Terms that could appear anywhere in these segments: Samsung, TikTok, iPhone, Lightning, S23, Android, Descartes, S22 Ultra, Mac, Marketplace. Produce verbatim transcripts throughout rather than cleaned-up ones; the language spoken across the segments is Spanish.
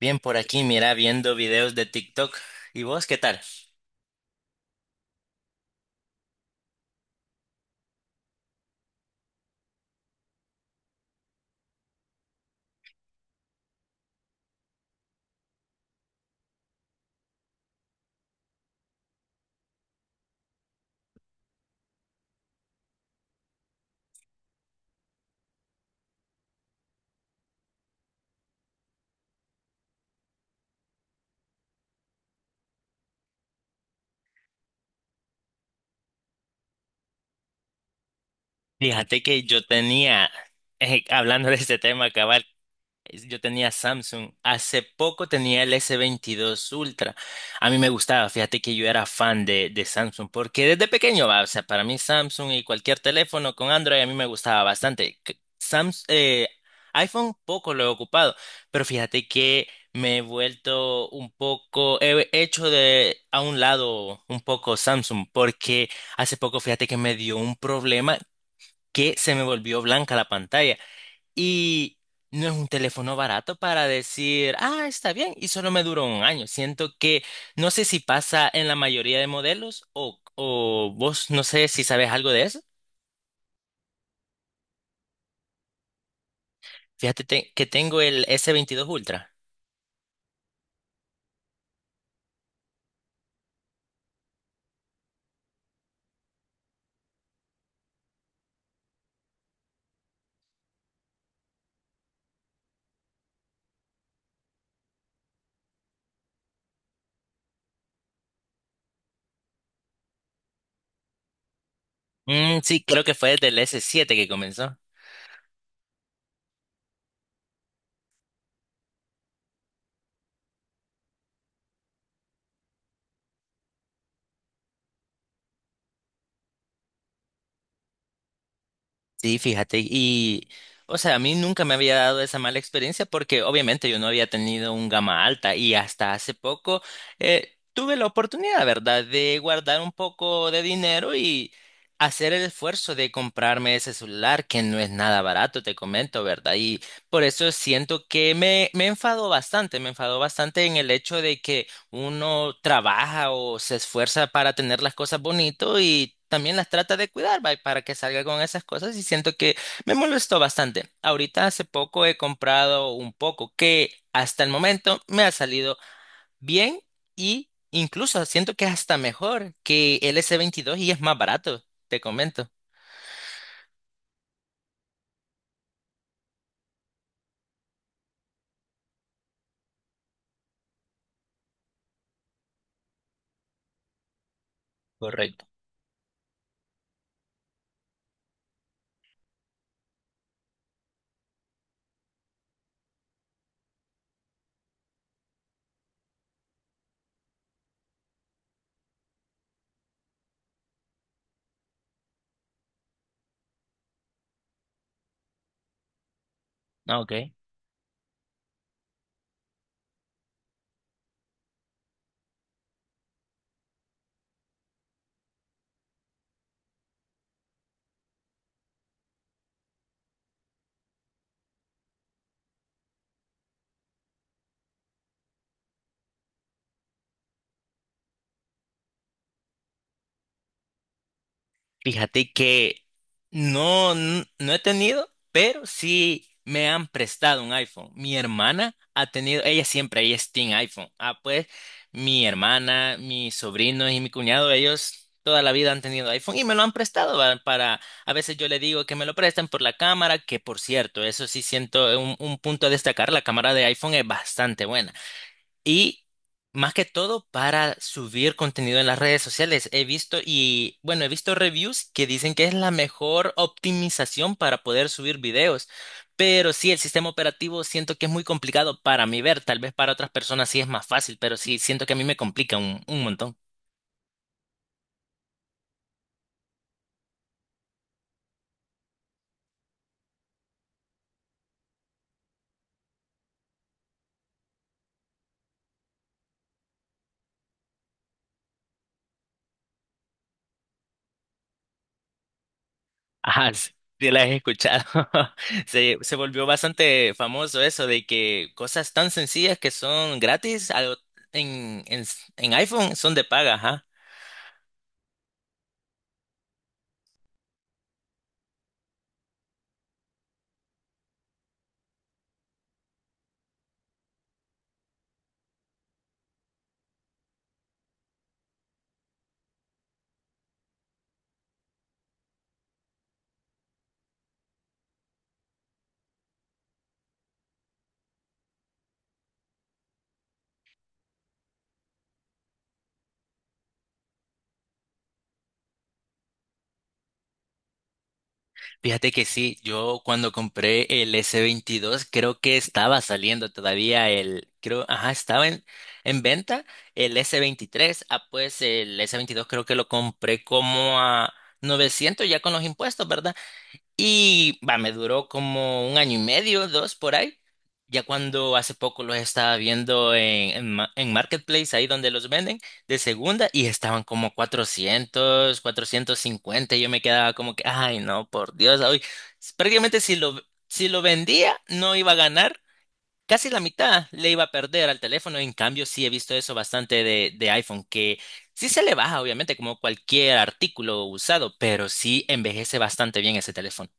Bien por aquí, mira, viendo videos de TikTok. ¿Y vos qué tal? Fíjate que yo tenía, eh, hablando de este tema, es- yo tenía Samsung. Hace poco tenía el ese veintidós Ultra. A mí me gustaba, fíjate que yo era fan de, de Samsung, porque desde pequeño, va, o sea, para mí Samsung y cualquier teléfono con Android a mí me gustaba bastante. C- Sams- eh, iPhone poco lo he ocupado, pero fíjate que me he vuelto un poco, he hecho de a un lado un poco Samsung, porque hace poco fíjate que me dio un problema que se me volvió blanca la pantalla. Y no es un teléfono barato para decir, ah, está bien, y solo me duró un año. Siento que no sé si pasa en la mayoría de modelos o, o vos no sé si sabes algo de eso. Fíjate te- que tengo el s veintidós Ultra. Mm, sí, creo que fue desde el s siete que comenzó. Sí, fíjate, y o sea, a mí nunca me había dado esa mala experiencia porque obviamente yo no había tenido un gama alta y hasta hace poco eh, tuve la oportunidad, ¿verdad?, de guardar un poco de dinero y hacer el esfuerzo de comprarme ese celular que no es nada barato, te comento, ¿verdad? Y por eso siento que me, me enfadó bastante, me enfadó bastante en el hecho de que uno trabaja o se esfuerza para tener las cosas bonito y también las trata de cuidar, va, para que salga con esas cosas y siento que me molestó bastante. Ahorita hace poco he comprado un poco que hasta el momento me ha salido bien y incluso siento que es hasta mejor que el ese veintidós y es más barato, te comento. Correcto. Ah, ok. Fíjate que no, n- no he tenido, pero sí me han prestado un iPhone. Mi hermana ha tenido, ella siempre, ella es team iPhone. Ah, pues mi hermana, mis sobrinos y mi cuñado, ellos toda la vida han tenido iPhone y me lo han prestado va, para, a veces yo le digo que me lo prestan por la cámara, que por cierto, eso sí siento un, un punto a destacar, la cámara de iPhone es bastante buena. Y más que todo para subir contenido en las redes sociales. He visto y bueno, he visto reviews que dicen que es la mejor optimización para poder subir videos. Pero sí, el sistema operativo siento que es muy complicado para mí ver. Tal vez para otras personas sí es más fácil, pero sí siento que a mí me complica un, un montón. Ajá, sí, sí la he escuchado. Se, se volvió bastante famoso eso de que cosas tan sencillas que son gratis algo en, en, en iPhone son de paga, ajá. Fíjate que sí, yo cuando compré el ese veintidós creo que estaba saliendo todavía el, creo, ajá, estaba en, en venta el ese veintitrés, ah, pues el ese veintidós creo que lo compré como a novecientos ya con los impuestos, ¿verdad? Y va, me duró como un año y medio, dos por ahí. Ya cuando hace poco los estaba viendo en, en, ma- en Marketplace, ahí donde los venden, de segunda, y estaban como cuatrocientos, 450, y yo me quedaba como que, ay, no, por Dios, hoy prácticamente si lo, si lo vendía, no iba a ganar. Casi la mitad le iba a perder al teléfono. En cambio, sí he visto eso bastante de, de iPhone, que sí se le baja, obviamente, como cualquier artículo usado, pero sí envejece bastante bien ese teléfono.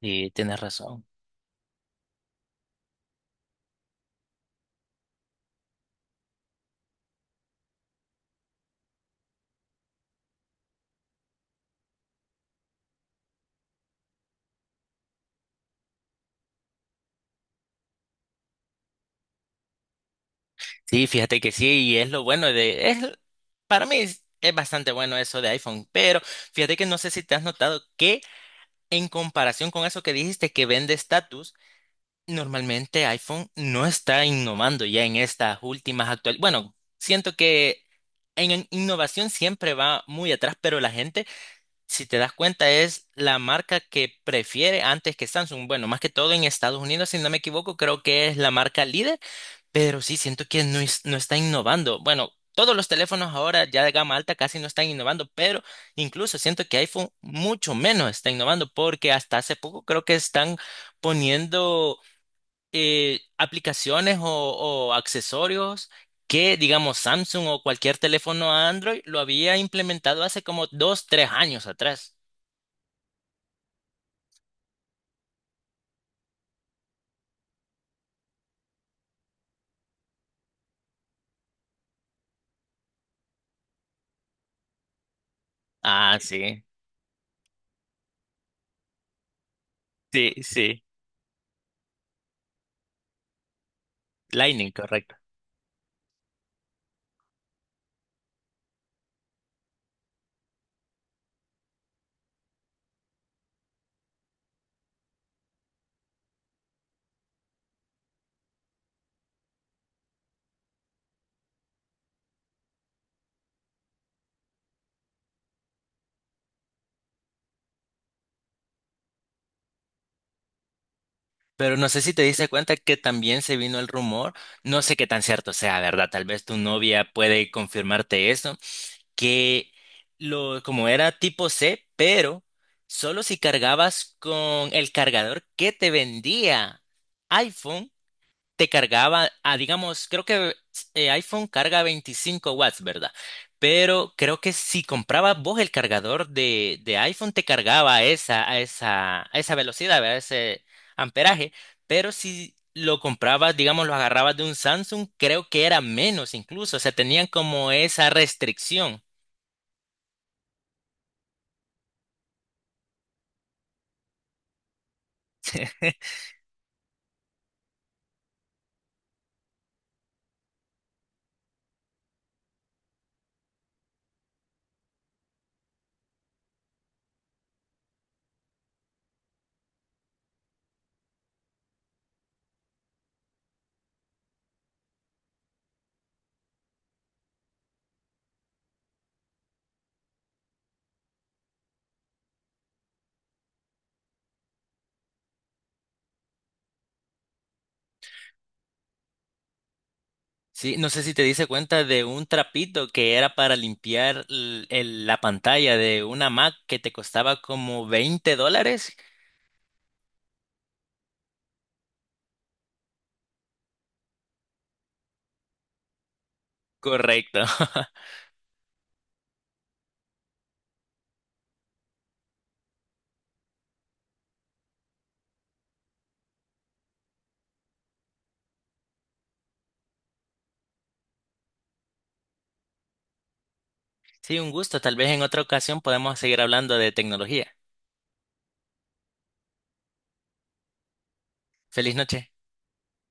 Sí, tienes razón. Sí, fíjate que sí, y es lo bueno de, es, para mí es, es bastante bueno eso de iPhone, pero fíjate que no sé si te has notado que en comparación con eso que dijiste que vende estatus, normalmente iPhone no está innovando ya en estas últimas actuales. Bueno, siento que en en innovación siempre va muy atrás, pero la gente, si te das cuenta, es la marca que prefiere antes que Samsung. Bueno, más que todo en Estados Unidos, si no me equivoco, creo que es la marca líder. Pero sí, siento que no, es- no está innovando. Bueno, todos los teléfonos ahora ya de gama alta casi no están innovando, pero incluso siento que iPhone mucho menos está innovando porque hasta hace poco creo que están poniendo eh, aplicaciones o, o accesorios que, digamos, Samsung o cualquier teléfono Android lo había implementado hace como dos, tres años atrás. Ah, sí, sí, sí. Lightning. Pero no sé si te diste cuenta que también se vino el rumor, no sé qué tan cierto sea, ¿verdad? Tal vez tu novia puede confirmarte eso, que lo, como era tipo C, pero solo si cargabas con el cargador que te vendía iPhone, te cargaba, ah, digamos, creo que eh, iPhone carga veinticinco watts, ¿verdad? Pero creo que si comprabas vos el cargador de, de iPhone, te cargaba a esa, a esa, a esa velocidad, ¿verdad? Ese amperaje. Pero si lo comprabas, digamos, lo agarrabas de un Samsung, creo que era menos incluso. O sea, tenían como esa restricción. Sí, no sé si te diste cuenta de un trapito que era para limpiar l- el- la pantalla de una Mac que te costaba como veinte dólares. Correcto. Sí, un gusto. Tal vez en otra ocasión podemos seguir hablando de tecnología. Feliz noche.